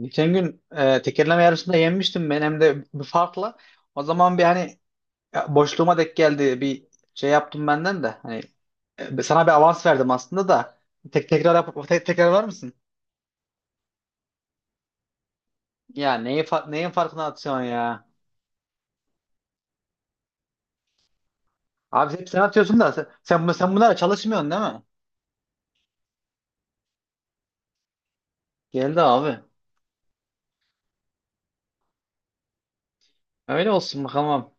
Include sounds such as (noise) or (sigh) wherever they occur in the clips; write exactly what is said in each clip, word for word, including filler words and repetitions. Geçen gün e, tekerleme yarışında yenmiştim ben hem de bir farkla. O zaman bir hani e, boşluğuma denk geldi bir şey yaptım benden de. Hani e, sana bir avans verdim aslında da. Tek tekrar yap tek tekrar var mısın? Ya neyi fa- neyin farkına atıyorsun ya? Abi hep sen atıyorsun da sen, sen, bu- sen bunlara çalışmıyorsun değil mi? Geldi abi. Öyle olsun bakalım.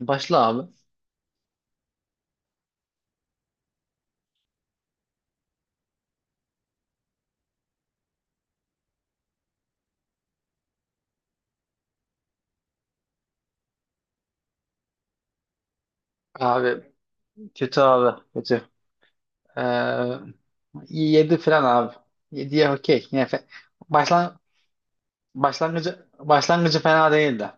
Başla abi. Abi kötü abi kötü. Ee, yedi falan abi. yediye okey. Yine fe- başlan Başlangıcı başlangıcı fena değildi.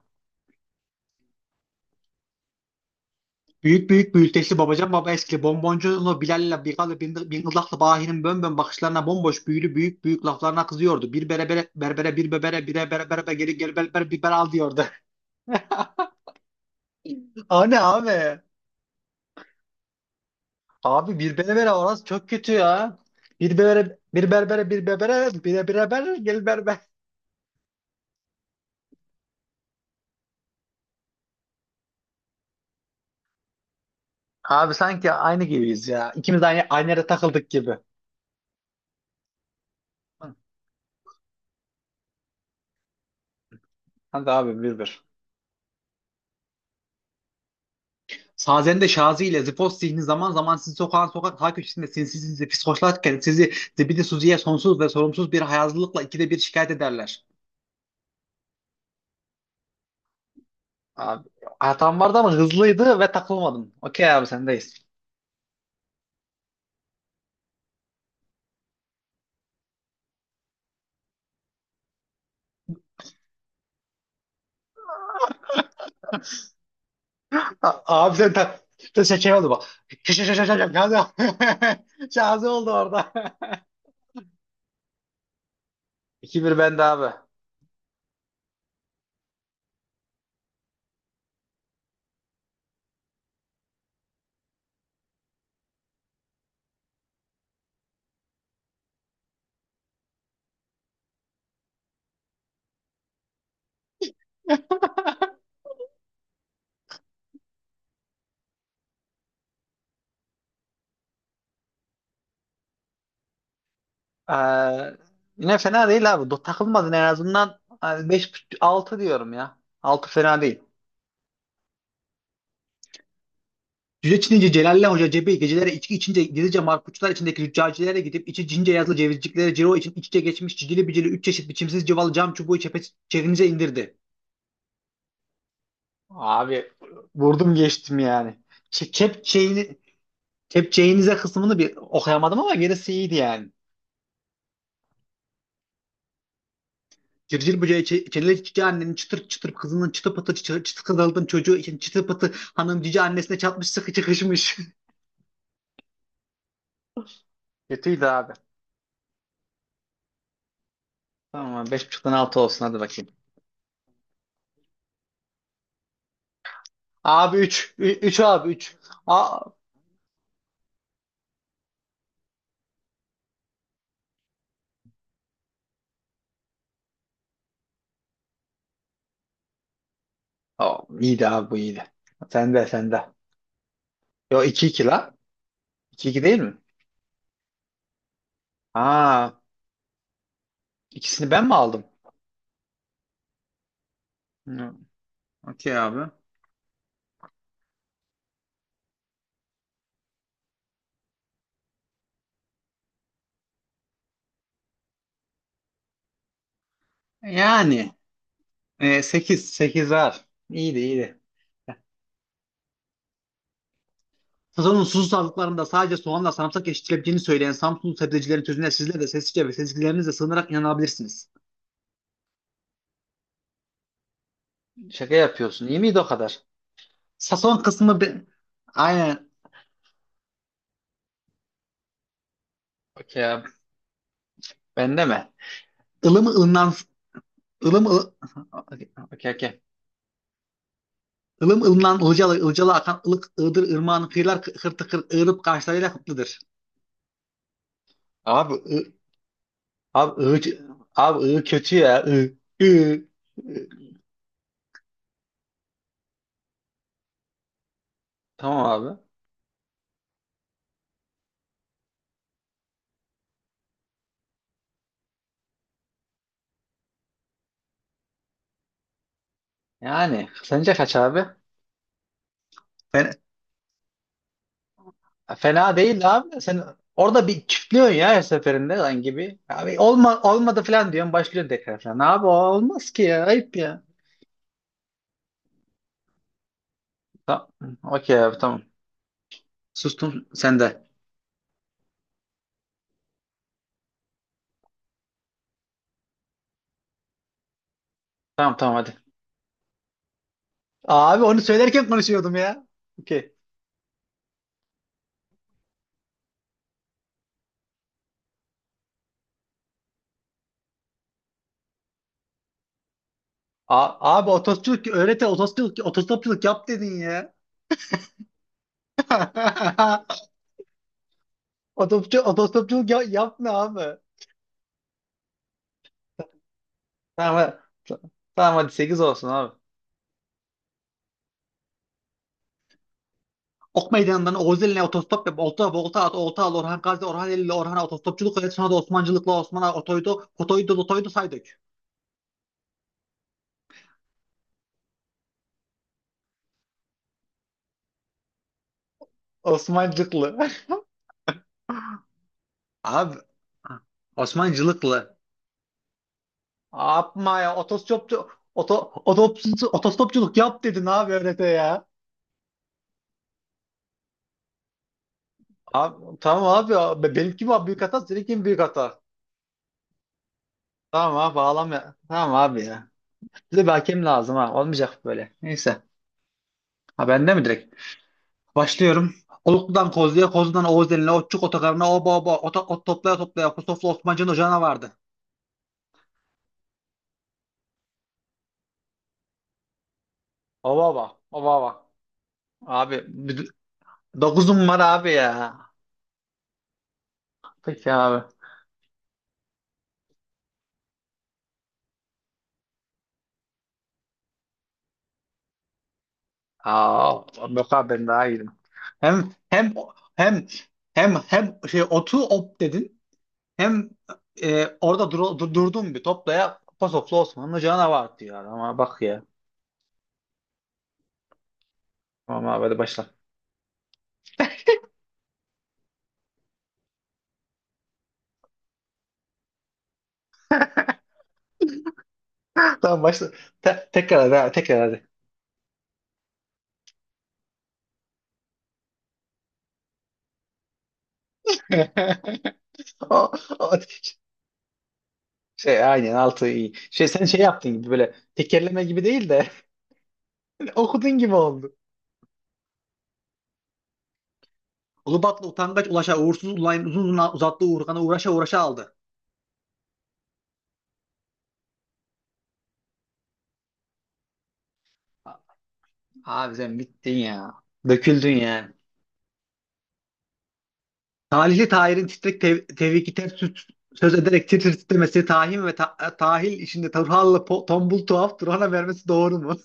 Büyük büyük büyüteçli babacan baba eski bonboncunlu Bilal'le Bigal'le Bin- Bingıllak'la Bahi'nin bönbön bakışlarına bomboş büyülü büyük büyük laflarına kızıyordu. Bir berebere berbere bir bebere bire bere berebe geri geri berber bir bere al diyordu. (laughs) O ne abi? Abi bir berbere orası çok kötü ya. Bir berbere, bir berbere, bir berbere, bire bire ber, gel berber. Abi sanki aynı gibiyiz ya. İkimiz aynı, aynı yere takıldık gibi. Hı. Hadi abi bir bir. Sazende Şazi ile Zipos zihni zaman zaman sizi sokağın sokak ta köşesinde sinsi sinsi fiskoşlarken sizi zibidi suziye sonsuz ve sorumsuz bir hayazlılıkla ikide bir şikayet ederler. Abi, hatam vardı ama hızlıydı ve takılmadım. Okey abi sendeyiz. A- Abi sen tak... Şey, şey oldu bak. Ş- ş- ş- ş- ş- Şazi. (laughs) Şazi oldu orada. (laughs) iki bir bende abi. Ee, yine fena değil abi. Do- Takılmadın en azından. Hani beş altı diyorum ya. Altı fena değil. Cüce Çinince Celalle Hoca cebi gecelere içki içince gizlice marpuçlar içindeki züccacilere gidip içi cince yazılı cevizciklere ciro için iç içe geçmiş cicili bicili üç çeşit biçimsiz cıvalı cam çubuğu çepe, çevinize indirdi. Abi vurdum geçtim yani. Ç- Kepçeğini, kepçeğinize kısmını bir okuyamadım ama gerisi iyiydi yani. Cırcır böceği, çe- çeleli cici annenin çıtır çıtır kızının çıtı pıtı çıtı, çıtı kızaldın çocuğu için çıtı pıtı hanım cici annesine çatmış sıkı çıkışmış. (laughs) Kötüydü abi. Tamam beş buçuktan altı olsun hadi bakayım. Abi üç üç abi üç. Aa, aa, iyiydi abi bu iyiydi. Sende sende. Yo iki 2 la. İki 2 değil mi? Aa, ikisini ben mi aldım? Hı, okey abi. Yani e, sekiz. sekiz abi. İyiydi iyiydi. Sazon'un susuz sağlıklarında sadece soğanla sarımsak yetiştirebileceğini söyleyen Samsunlu sebzecilerin sözüne sizler de sessizce ve sezgilerinizle sığınarak inanabilirsiniz. Şaka yapıyorsun. İyi miydi o kadar? Sazon kısmı be... Aynen. Okey abi. Bende mi? Ilımı ılınan Ilım ıl... (laughs) Okey, okey. Ilım ılımdan ılcalı, ılcalı akan ılık ığdır ırmağın kıyılar kı- hırtı kır tıkır ığırıp karşılarıyla kıtlıdır. Abi ı, abi ığ, abi ığ kötü ya ığ, ığ. Tamam abi. Yani sence kaç abi? Fena, fena değil abi. Sen orada bir çiftliyorsun ya her seferinde lan gibi. Abi olma, olmadı falan diyorsun başlıyorsun tekrar falan. Abi o olmaz ki ya ayıp ya. Tamam. Okey abi tamam. Sustum sen de. Tamam tamam hadi. Abi onu söylerken konuşuyordum ya. Okey. A- Abi otostopçuluk öğrete otostopçuluk, otostopçuluk yap dedin ya. (laughs) Otostopçu, otostopçuluk ya- yapma abi. Tamam, hadi. Tamam hadi sekiz olsun abi. Ok meydanından Oğuz eline otostop yap. Olta, volta at, olta al. Orhan Gazi, Orhan Eli'yle Orhan'a otostopçuluk öğret. Sonra da Osmancılıkla Osman'a otoydu, otoydu, otoydu saydık. Osmancılıklı. (laughs) Abi. Osmancılıklı. Yapma ya otostopçu oto, otostopçu- otostopçuluk yap dedin abi öğrete ya. Abi, tamam abi. Abi. Benimki mi abi büyük hata? Seninki mi büyük hata? Tamam abi ağlama ya. Tamam abi ya. Bize bir hakem lazım ha. Olmayacak böyle. Neyse. Ha bende mi direkt? Başlıyorum. Oluklu'dan Kozlu'ya, Kozlu'dan Oğuz Elin'e, Otçuk Otokarı'na, oba oba, ota, ot toplaya toplaya, Kosoflu Osmancı'nın ocağına vardı. Oba oba, oba oba. Abi, bir, dokuzum var abi ya. Peki abi. Aa, yok abi ben daha iyiydim. Hem, hem, hem, hem, hem şey otu op dedin. Hem e, orada dur, dur- durduğum bir toplaya Pasoflu Osmanlı canavar var diyor. Ama bak ya. Tamam abi hadi başla. (laughs) Tamam başla. Te- tekrar hadi. Abi, tekrar hadi. (laughs) O- o- şey, aynen altı iyi. Şey sen şey yaptın gibi böyle tekerleme gibi değil de (laughs) okudun gibi oldu. Ulubatlı utangaç ulaşa uğursuz ulayın uzun uzun uzattığı Uğurkan'a uğraşa uğraşa aldı. A- Abi sen bittin ya. Döküldün yani. Talihli Tahir'in titrek tev tevhiki ters tut- söz ederek titri titremesi, tahin ve ta tahil içinde Turhal'la po- tombul tuhaf Turhan'a vermesi doğru mu?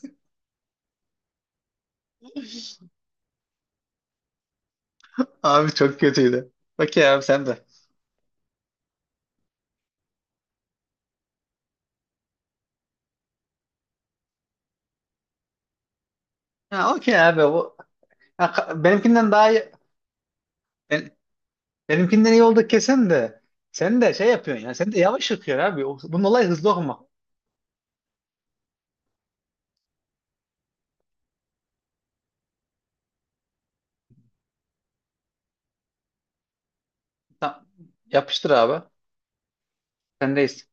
(laughs) Abi çok kötüydü. Okey abi sen de. Ha, okey abi. O, ha, ka- benimkinden daha iyi. ben- Benimkinden iyi oldu kesin de. Sen de şey yapıyorsun ya. Sen de yavaş okuyorsun abi. O- Bunun olayı hızlı okuma. Tamam. Yapıştır abi. Sendeyiz.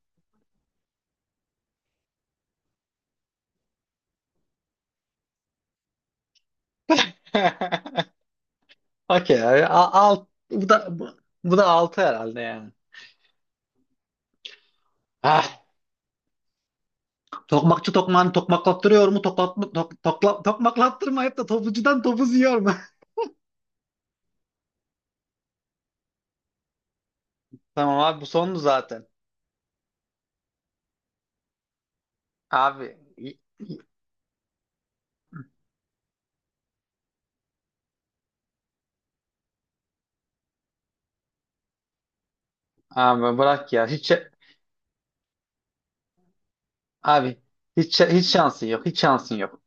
(laughs) Okey abi. A- Alt, bu da bu, bu da altı herhalde yani. Ah. Tokmakçı tokmağını tokmaklattırıyor mu? Toklatma, tok, tokla, tokmaklattırmayıp da topucudan topuz yiyor mu? (laughs) Tamam abi bu sondu zaten. Abi, abi bırak ya. Hiç abi hiç hiç şansın yok. Hiç şansın yok.